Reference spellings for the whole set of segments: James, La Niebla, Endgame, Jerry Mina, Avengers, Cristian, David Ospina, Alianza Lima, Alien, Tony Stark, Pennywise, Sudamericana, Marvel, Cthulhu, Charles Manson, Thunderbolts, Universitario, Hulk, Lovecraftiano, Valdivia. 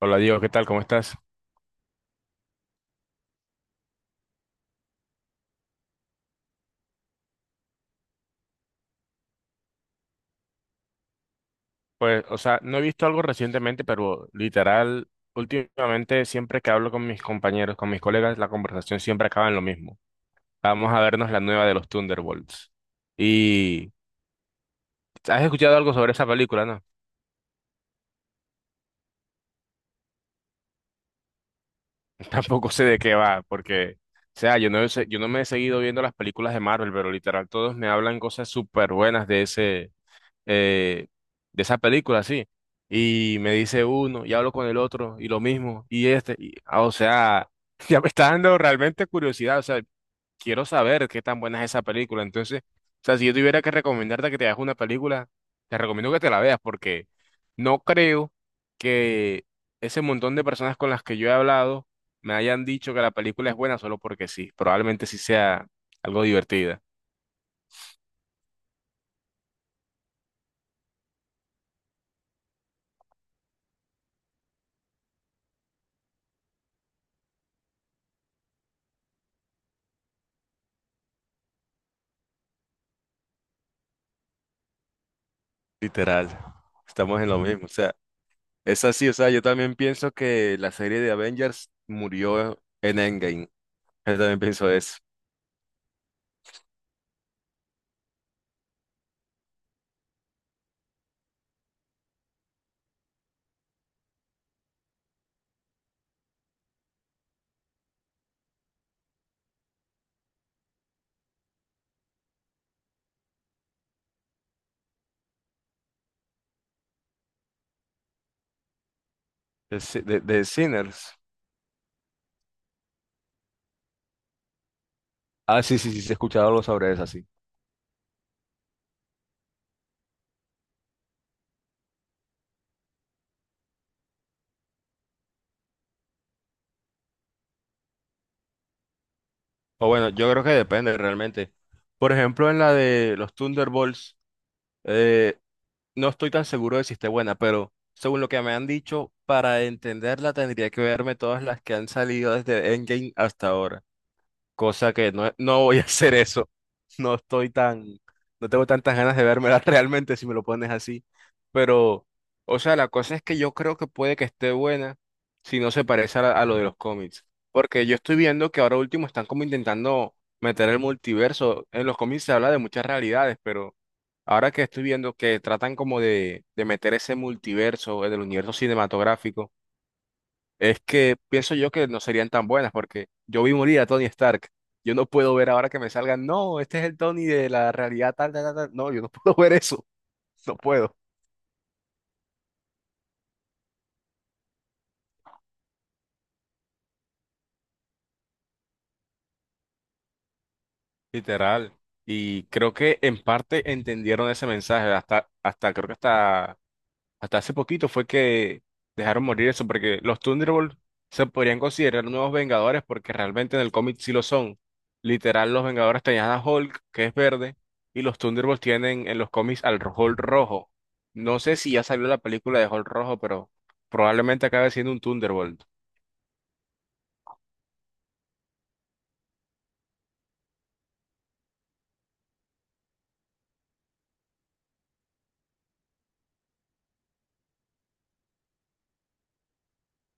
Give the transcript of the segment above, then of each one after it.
Hola Diego, ¿qué tal? ¿Cómo estás? Pues, o sea, no he visto algo recientemente, pero literal, últimamente siempre que hablo con mis compañeros, con mis colegas, la conversación siempre acaba en lo mismo. Vamos a vernos la nueva de los Thunderbolts. Y ¿has escuchado algo sobre esa película? No, tampoco sé de qué va, porque, o sea, yo no me he seguido viendo las películas de Marvel, pero literal todos me hablan cosas súper buenas eh, de esa película, sí. Y me dice uno, y hablo con el otro, y lo mismo, y este, ah, o sea, ya me está dando realmente curiosidad, o sea, quiero saber qué tan buena es esa película. Entonces, o sea, si yo tuviera que recomendarte que te veas una película, te recomiendo que te la veas, porque no creo que ese montón de personas con las que yo he hablado me hayan dicho que la película es buena solo porque sí, probablemente sí sea algo divertida. Literal, estamos en lo mismo. O sea, es así, o sea, yo también pienso que la serie de Avengers murió en Endgame. Yo también pienso eso. De, Si- de Sinners. Ah, sí, sí, sí, sí, he escuchado algo sobre eso, sí. O bueno, yo creo que depende realmente. Por ejemplo, en la de los Thunderbolts, eh, no estoy tan seguro de si esté buena, pero según lo que me han dicho, para entenderla tendría que verme todas las que han salido desde Endgame hasta ahora. Cosa que no, no voy a hacer eso. No estoy tan, no tengo tantas ganas de vérmela realmente si me lo pones así. Pero, o sea, la cosa es que yo creo que puede que esté buena si no se parece a, a lo de los cómics. Porque yo estoy viendo que ahora último están como intentando meter el multiverso. En los cómics se habla de muchas realidades, pero ahora que estoy viendo que tratan como de, meter ese multiverso, el del universo cinematográfico. Es que pienso yo que no serían tan buenas porque yo vi morir a Tony Stark. Yo no puedo ver ahora que me salgan, "no, este es el Tony de la realidad tal, tal, tal, tal". No, yo no puedo ver eso. No puedo. Literal. Y creo que en parte entendieron ese mensaje, hasta creo que hasta hace poquito fue que dejaron morir eso, porque los Thunderbolts se podrían considerar nuevos Vengadores, porque realmente en el cómic sí lo son. Literal, los Vengadores tenían a Hulk, que es verde, y los Thunderbolts tienen en los cómics al Hulk rojo. No sé si ya salió la película de Hulk rojo, pero probablemente acabe siendo un Thunderbolt.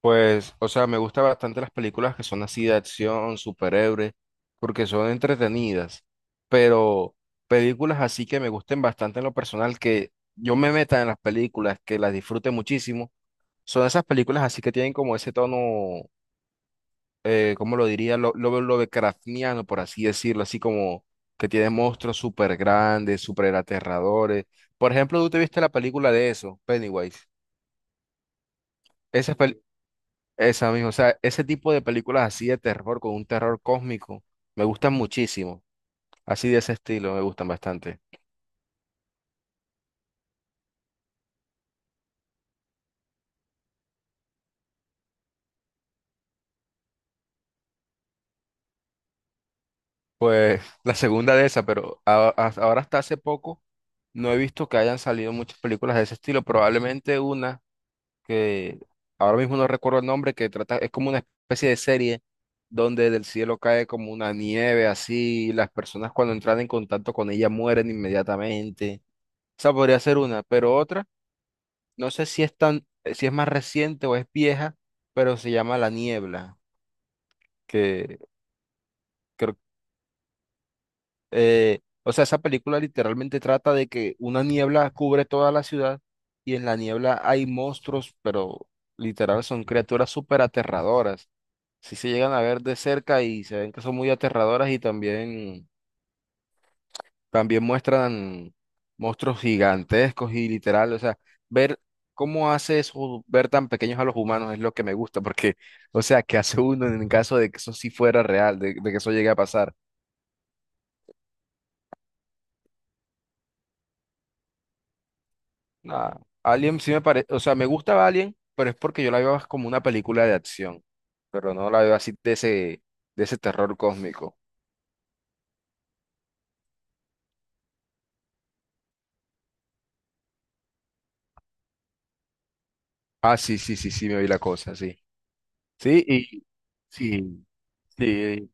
Pues, o sea, me gustan bastante las películas que son así de acción, superhéroes, porque son entretenidas, pero películas así que me gusten bastante en lo personal, que yo me meta en las películas, que las disfrute muchísimo, son esas películas así que tienen como ese tono, ¿cómo lo diría? Lo Lovecraftiano, por así decirlo, así como que tiene monstruos súper grandes, súper aterradores. Por ejemplo, ¿tú te viste la película de eso, Pennywise? Esa misma, o sea, ese tipo de películas así de terror, con un terror cósmico, me gustan muchísimo. Así de ese estilo, me gustan bastante. Pues la segunda de esa, pero ahora hasta hace poco no he visto que hayan salido muchas películas de ese estilo. Probablemente una que ahora mismo no recuerdo el nombre, que trata, es como una especie de serie donde del cielo cae como una nieve así, y las personas cuando entran en contacto con ella mueren inmediatamente. Esa podría ser una, pero otra. No sé si es tan, si es más reciente o es vieja, pero se llama La Niebla, que creo, eh, o sea, esa película literalmente trata de que una niebla cubre toda la ciudad y en la niebla hay monstruos, pero literal son criaturas súper aterradoras. Si se llegan a ver de cerca y se ven que son muy aterradoras y también muestran monstruos gigantescos y literal, o sea, ver cómo hace eso, ver tan pequeños a los humanos es lo que me gusta, porque, o sea, ¿qué hace uno en caso de que eso sí fuera real, de, que eso llegue a pasar? Nada. Alien sí me parece, o sea, me gusta Alien, pero es porque yo la veo como una película de acción, pero no la veo así de ese terror cósmico. Ah, sí, sí, sí, sí, me vi la cosa, sí. Sí, y sí, sí.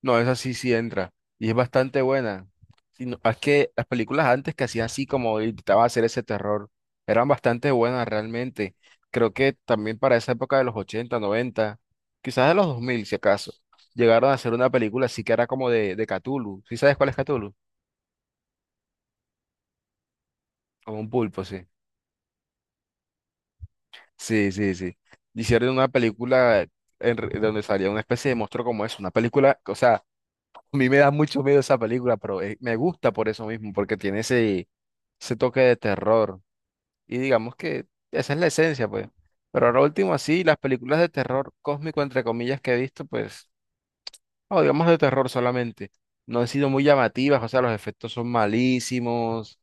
No, esa sí sí entra. Y es bastante buena. Sí, no, es que las películas antes que hacían así como intentaban hacer ese terror, eran bastante buenas realmente. Creo que también para esa época de los 80 90 quizás de los 2000 si acaso, llegaron a hacer una película así que era como de, Cthulhu. ¿Sí sabes cuál es Cthulhu? Como un pulpo, sí. Sí, sí, sí. Hicieron una película donde salía una especie de monstruo como eso. Una película, o sea, a mí me da mucho miedo esa película, pero me gusta por eso mismo, porque tiene ese toque de terror. Y digamos que esa es la esencia, pues. Pero ahora último, así, las películas de terror cósmico, entre comillas, que he visto, pues, o digamos de terror solamente, no han sido muy llamativas, o sea, los efectos son malísimos,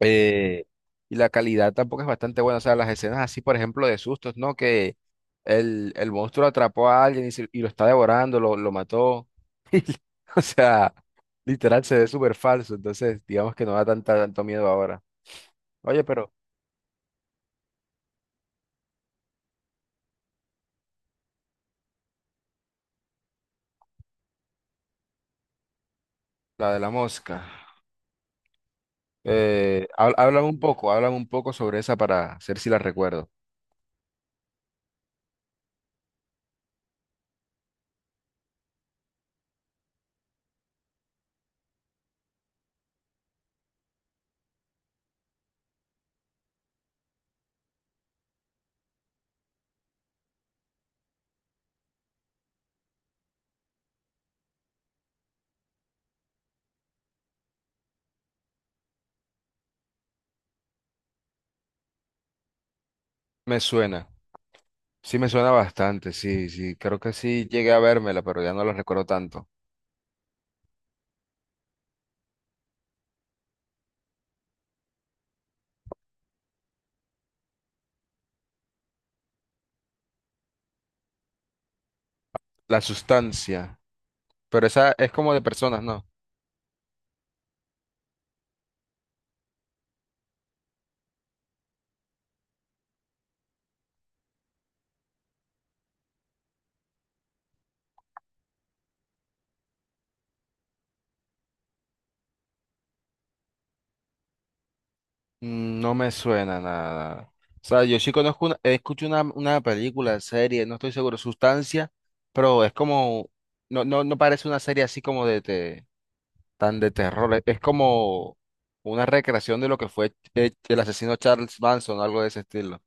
eh, y la calidad tampoco es bastante buena, o sea, las escenas así, por ejemplo, de sustos, ¿no? Que el monstruo atrapó a alguien y, y lo está devorando, lo mató, o sea, literal se ve súper falso, entonces, digamos que no da tanto miedo ahora. Oye, pero la de la mosca. Háblame un poco sobre esa para ver si la recuerdo. Me suena, sí me suena bastante, sí, sí, creo que sí llegué a vérmela, pero ya no la recuerdo tanto. La sustancia, pero esa es como de personas, ¿no? Mm, no me suena nada. O sea, yo sí conozco una, escucho una película, serie, no estoy seguro, sustancia, pero es como, no, no, no parece una serie así como de tan de terror. Es como una recreación de lo que fue el asesino Charles Manson, algo de ese estilo.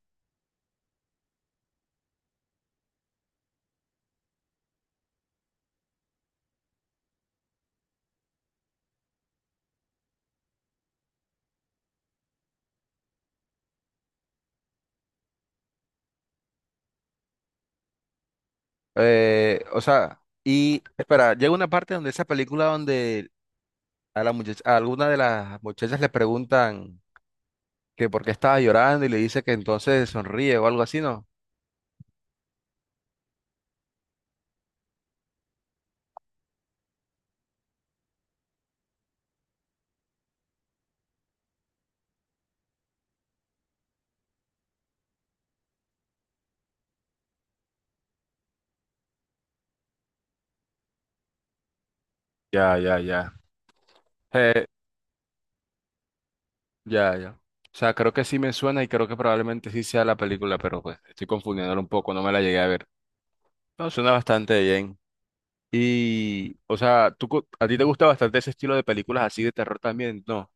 O sea, y espera, llega una parte donde esa película donde a la muchacha, a alguna de las muchachas le preguntan que por qué estaba llorando y le dice que entonces sonríe o algo así, ¿no? Ya, ya, ya. Eh, ya, ya. O sea, creo que sí me suena y creo que probablemente sí sea la película, pero pues estoy confundiéndola un poco, no me la llegué a ver. No, suena bastante bien. Y, o sea, ¿tú, a ti te gusta bastante ese estilo de películas así de terror también? No.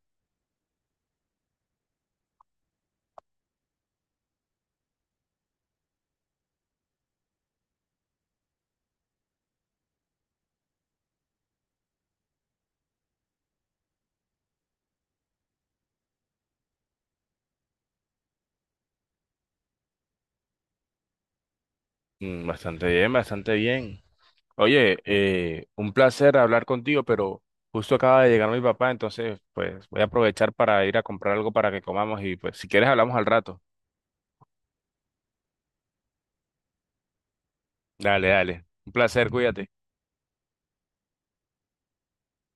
Mm, bastante bien, bastante bien. Oye, un placer hablar contigo, pero justo acaba de llegar mi papá, entonces pues voy a aprovechar para ir a comprar algo para que comamos y pues si quieres hablamos al rato. Dale, dale. Un placer, cuídate.